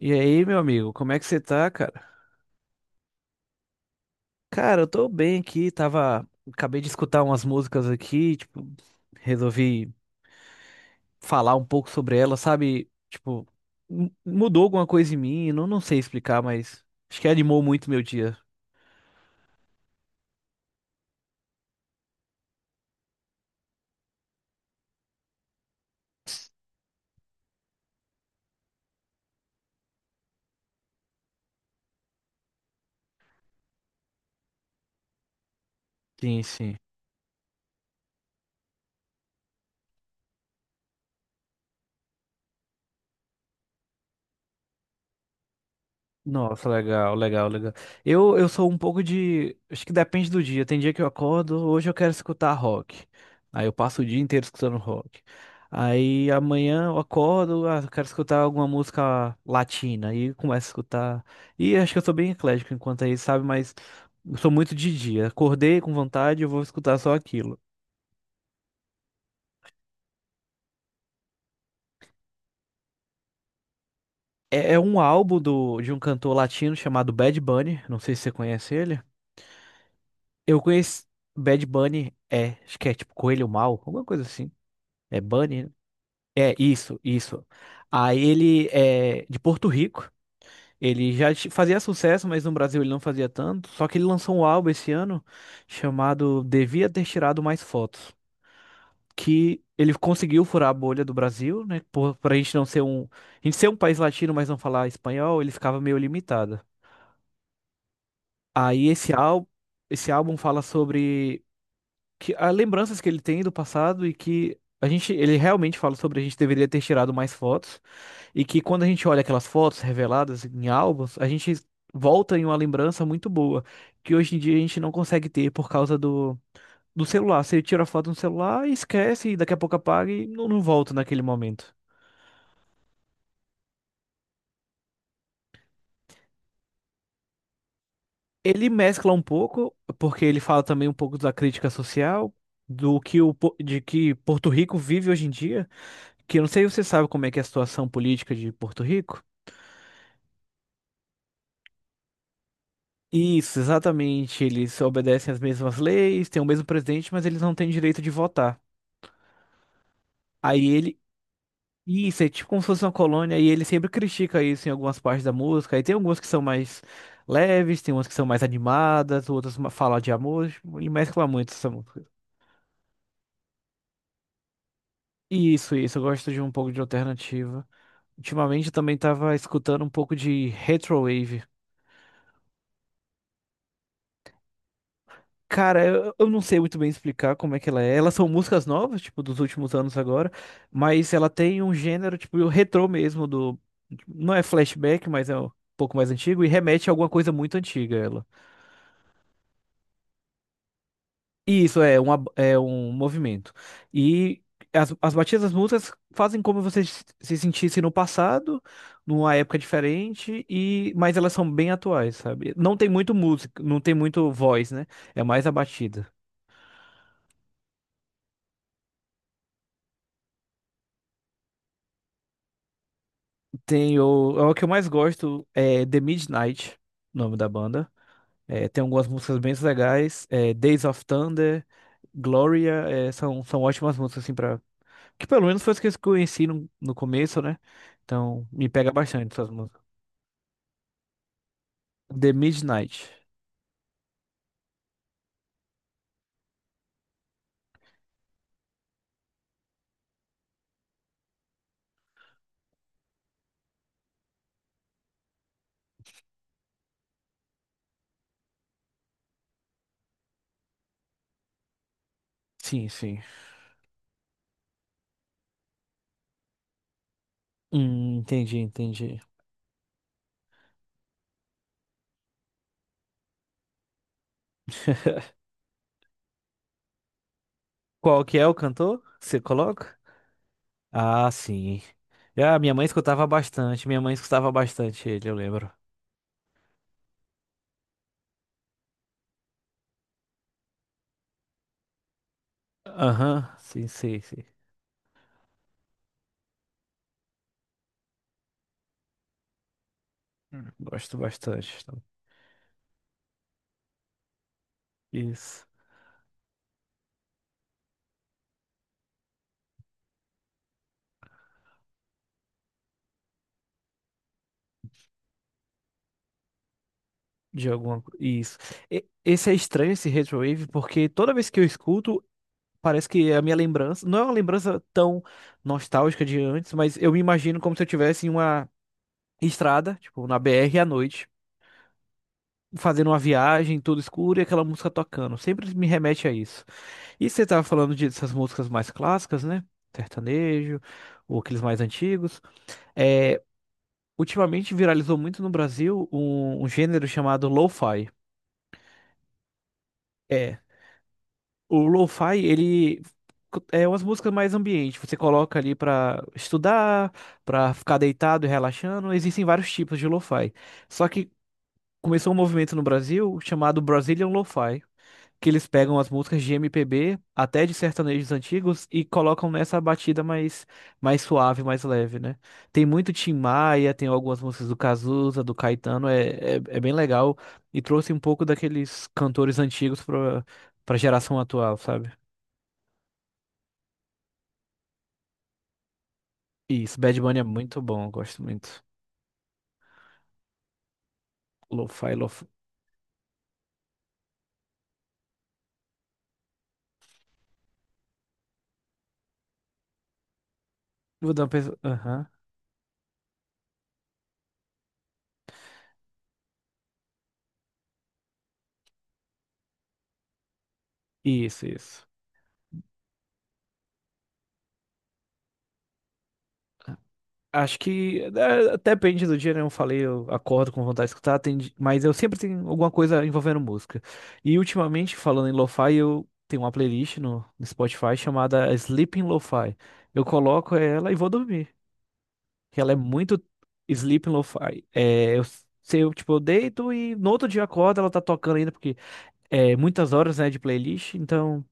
E aí, meu amigo, como é que você tá, cara? Cara, eu tô bem aqui, tava. Acabei de escutar umas músicas aqui, tipo, resolvi falar um pouco sobre elas, sabe? Tipo, mudou alguma coisa em mim, não sei explicar, mas acho que animou muito meu dia. Sim, sim. Nossa, legal, legal, legal. Eu sou um pouco de. Acho que depende do dia. Tem dia que eu acordo, hoje eu quero escutar rock. Aí eu passo o dia inteiro escutando rock. Aí amanhã eu acordo, ah, eu quero escutar alguma música latina. Aí começo a escutar. E acho que eu sou bem eclético enquanto aí, sabe? Mas eu sou muito de dia. Acordei com vontade, eu vou escutar só aquilo. É um álbum de um cantor latino chamado Bad Bunny. Não sei se você conhece ele. Eu conheço Bad Bunny, é, acho que é tipo Coelho Mal, alguma coisa assim. É Bunny, né? É, isso, isso. Aí ele é de Porto Rico. Ele já fazia sucesso, mas no Brasil ele não fazia tanto. Só que ele lançou um álbum esse ano chamado Devia Ter Tirado Mais Fotos. Que ele conseguiu furar a bolha do Brasil, né? Pra gente não ser um. A gente ser um país latino, mas não falar espanhol, ele ficava meio limitado. Aí esse álbum fala sobre que há lembranças que ele tem do passado e que a gente, ele realmente fala sobre a gente deveria ter tirado mais fotos e que quando a gente olha aquelas fotos reveladas em álbuns, a gente volta em uma lembrança muito boa, que hoje em dia a gente não consegue ter por causa do celular. Você tira a foto no celular e esquece e daqui a pouco apaga e não volta naquele momento. Ele mescla um pouco, porque ele fala também um pouco da crítica social, do que o, po- de que Porto Rico vive hoje em dia, que eu não sei se você sabe como é que é a situação política de Porto Rico. Isso, exatamente. Eles obedecem às mesmas leis, têm o mesmo presidente, mas eles não têm direito de votar. Aí ele. Isso, é tipo como se fosse uma colônia, e ele sempre critica isso em algumas partes da música. Aí tem algumas que são mais leves, tem umas que são mais animadas, outras falam de amor, e mescla muito essa música. Isso, eu gosto de um pouco de alternativa. Ultimamente eu também tava escutando um pouco de retrowave. Cara, eu não sei muito bem explicar como é que ela é. Elas são músicas novas, tipo, dos últimos anos agora, mas ela tem um gênero, tipo, o retrô mesmo do. Não é flashback, mas é um pouco mais antigo e remete a alguma coisa muito antiga, ela. E isso é um movimento. E as batidas das músicas fazem como você se sentisse no passado, numa época diferente, e mas elas são bem atuais, sabe? Não tem muito música, não tem muito voz, né? É mais a batida. É o que eu mais gosto, é The Midnight, o nome da banda. É, tem algumas músicas bem legais, é, Days of Thunder, Gloria, é, são ótimas músicas, assim, pra. Que pelo menos foi as que eu conheci no começo, né? Então, me pega bastante essas músicas. The Midnight. Sim, sim. Entendi, entendi. Qual que é o cantor que você coloca? Ah, sim. Ah, minha mãe escutava bastante, minha mãe escutava bastante ele, eu lembro. Aham, sim, sim, sim. Gosto bastante, então. Isso. De alguma Isso. Esse é estranho, esse retrowave, porque toda vez que eu escuto, parece que é a minha lembrança. Não é uma lembrança tão nostálgica de antes, mas eu me imagino como se eu estivesse em uma estrada, tipo, na BR à noite, fazendo uma viagem, tudo escuro e aquela música tocando. Sempre me remete a isso. E você tava falando dessas músicas mais clássicas, né? Sertanejo, ou aqueles mais antigos. É, ultimamente viralizou muito no Brasil um gênero chamado lo-fi. É. O lo-fi, ele é umas músicas mais ambiente. Você coloca ali pra estudar, pra ficar deitado e relaxando. Existem vários tipos de lo-fi. Só que começou um movimento no Brasil chamado Brazilian Lo-fi, que eles pegam as músicas de MPB, até de sertanejos antigos, e colocam nessa batida mais suave, mais leve, né? Tem muito Tim Maia, tem algumas músicas do Cazuza, do Caetano, é bem legal, e trouxe um pouco daqueles cantores antigos pra geração atual, sabe? Isso, Bad Bunny é muito bom, eu gosto muito. Lo-fi, lo-fi. Vou dar uma pensada. Aham. Isso, isso. Acho que é, até depende do dia, né? Eu falei, eu acordo com vontade de escutar, tem mas eu sempre tenho alguma coisa envolvendo música. E ultimamente, falando em lo-fi, eu tenho uma playlist no Spotify chamada Sleeping Lo-Fi. Eu coloco ela e vou dormir. Que ela é muito Sleeping Lo-Fi. É, se eu, tipo, eu deito e no outro dia eu acordo, ela tá tocando ainda, porque é muitas horas, né, de playlist, então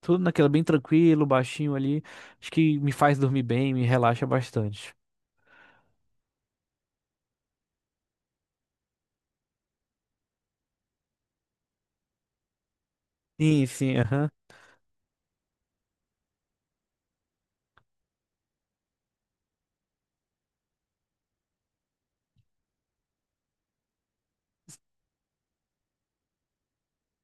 tudo naquela bem tranquilo, baixinho ali. Acho que me faz dormir bem, me relaxa bastante. Sim, sim, aham.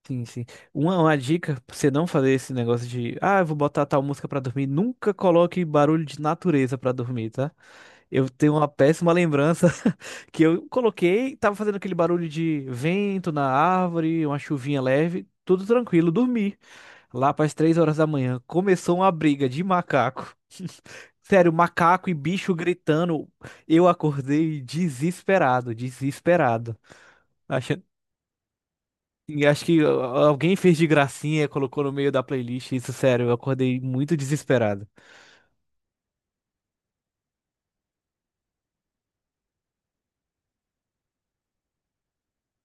Sim, sim. Uma dica pra você não fazer esse negócio de, ah, eu vou botar tal música pra dormir. Nunca coloque barulho de natureza pra dormir, tá? Eu tenho uma péssima lembrança que eu coloquei, tava fazendo aquele barulho de vento na árvore, uma chuvinha leve, tudo tranquilo, dormi. Lá para as 3 horas da manhã, começou uma briga de macaco. Sério, macaco e bicho gritando. Eu acordei desesperado, desesperado. E acho que alguém fez de gracinha, e colocou no meio da playlist. Isso, sério, eu acordei muito desesperado.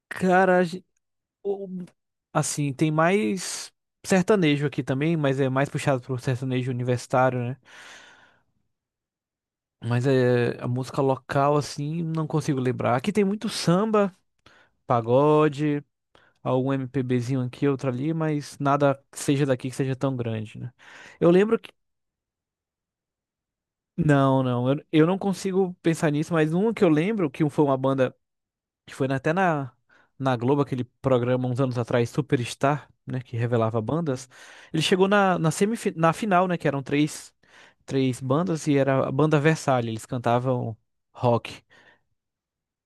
Cara, o- assim, tem mais sertanejo aqui também, mas é mais puxado pro sertanejo universitário, né? Mas é a música local, assim, não consigo lembrar. Aqui tem muito samba, pagode, algum MPBzinho aqui, outro ali, mas nada que seja daqui que seja tão grande, né? Eu lembro que. Não, não, eu não consigo pensar nisso, mas um que eu lembro, que foi uma banda. Que foi até na Globo, aquele programa uns anos atrás, Superstar, né, que revelava bandas, ele chegou na, na, semif na final, né, que eram três bandas e era a banda Versalhes, eles cantavam rock.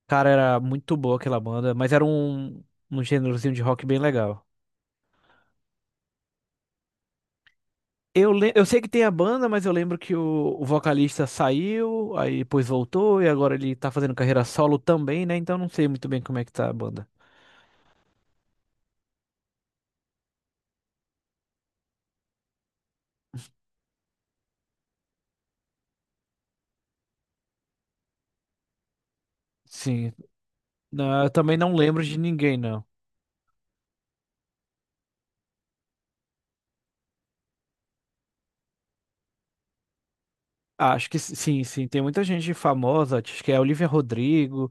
Cara, era muito boa aquela banda, mas era um gênerozinho de rock bem legal. Eu sei que tem a banda, mas eu lembro que o vocalista saiu, aí depois voltou, e agora ele tá fazendo carreira solo também, né? Então não sei muito bem como é que tá a banda. Sim, não, eu também não lembro de ninguém, não. Acho que sim, sim. Tem muita gente famosa, acho que é Olivia Rodrigo,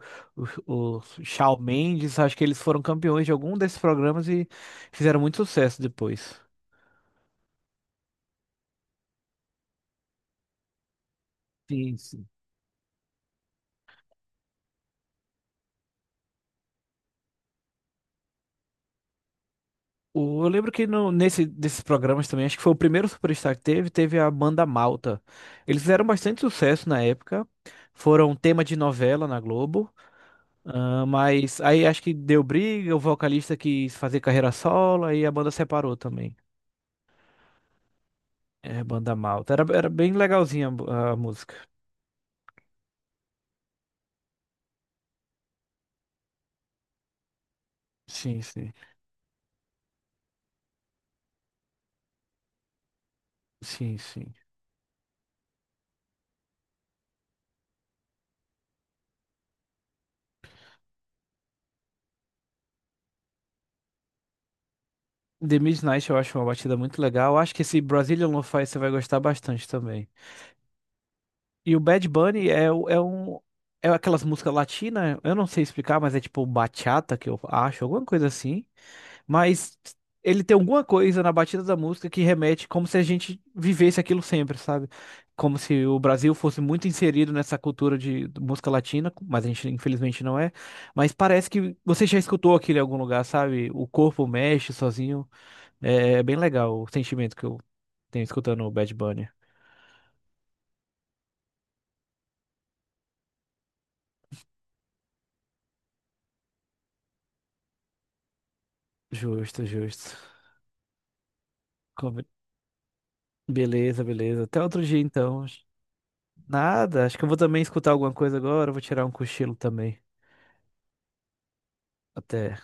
o Shawn Mendes, acho que eles foram campeões de algum desses programas e fizeram muito sucesso depois. Sim, sim. Eu lembro que no, nesse, desses programas também, acho que foi o primeiro Superstar que teve, a banda Malta. Eles fizeram bastante sucesso na época, foram tema de novela na Globo, ah, mas aí acho que deu briga, o vocalista quis fazer carreira solo, aí a banda separou também. É, Banda Malta. Era bem legalzinha a música. Sim, sim. Sim, sim. The Midnight eu acho uma batida muito legal. Eu acho que esse Brazilian Lo-Fi você vai gostar bastante também. E o Bad Bunny é um. É aquelas músicas latinas, eu não sei explicar, mas é tipo bachata que eu acho, alguma coisa assim. Mas ele tem alguma coisa na batida da música que remete como se a gente vivesse aquilo sempre, sabe? Como se o Brasil fosse muito inserido nessa cultura de música latina, mas a gente infelizmente não é. Mas parece que você já escutou aquilo em algum lugar, sabe? O corpo mexe sozinho. É, é bem legal o sentimento que eu tenho escutando o Bad Bunny. Justo, justo. Come- Beleza, beleza. Até outro dia então. Nada, acho que eu vou também escutar alguma coisa agora, eu vou tirar um cochilo também. Até.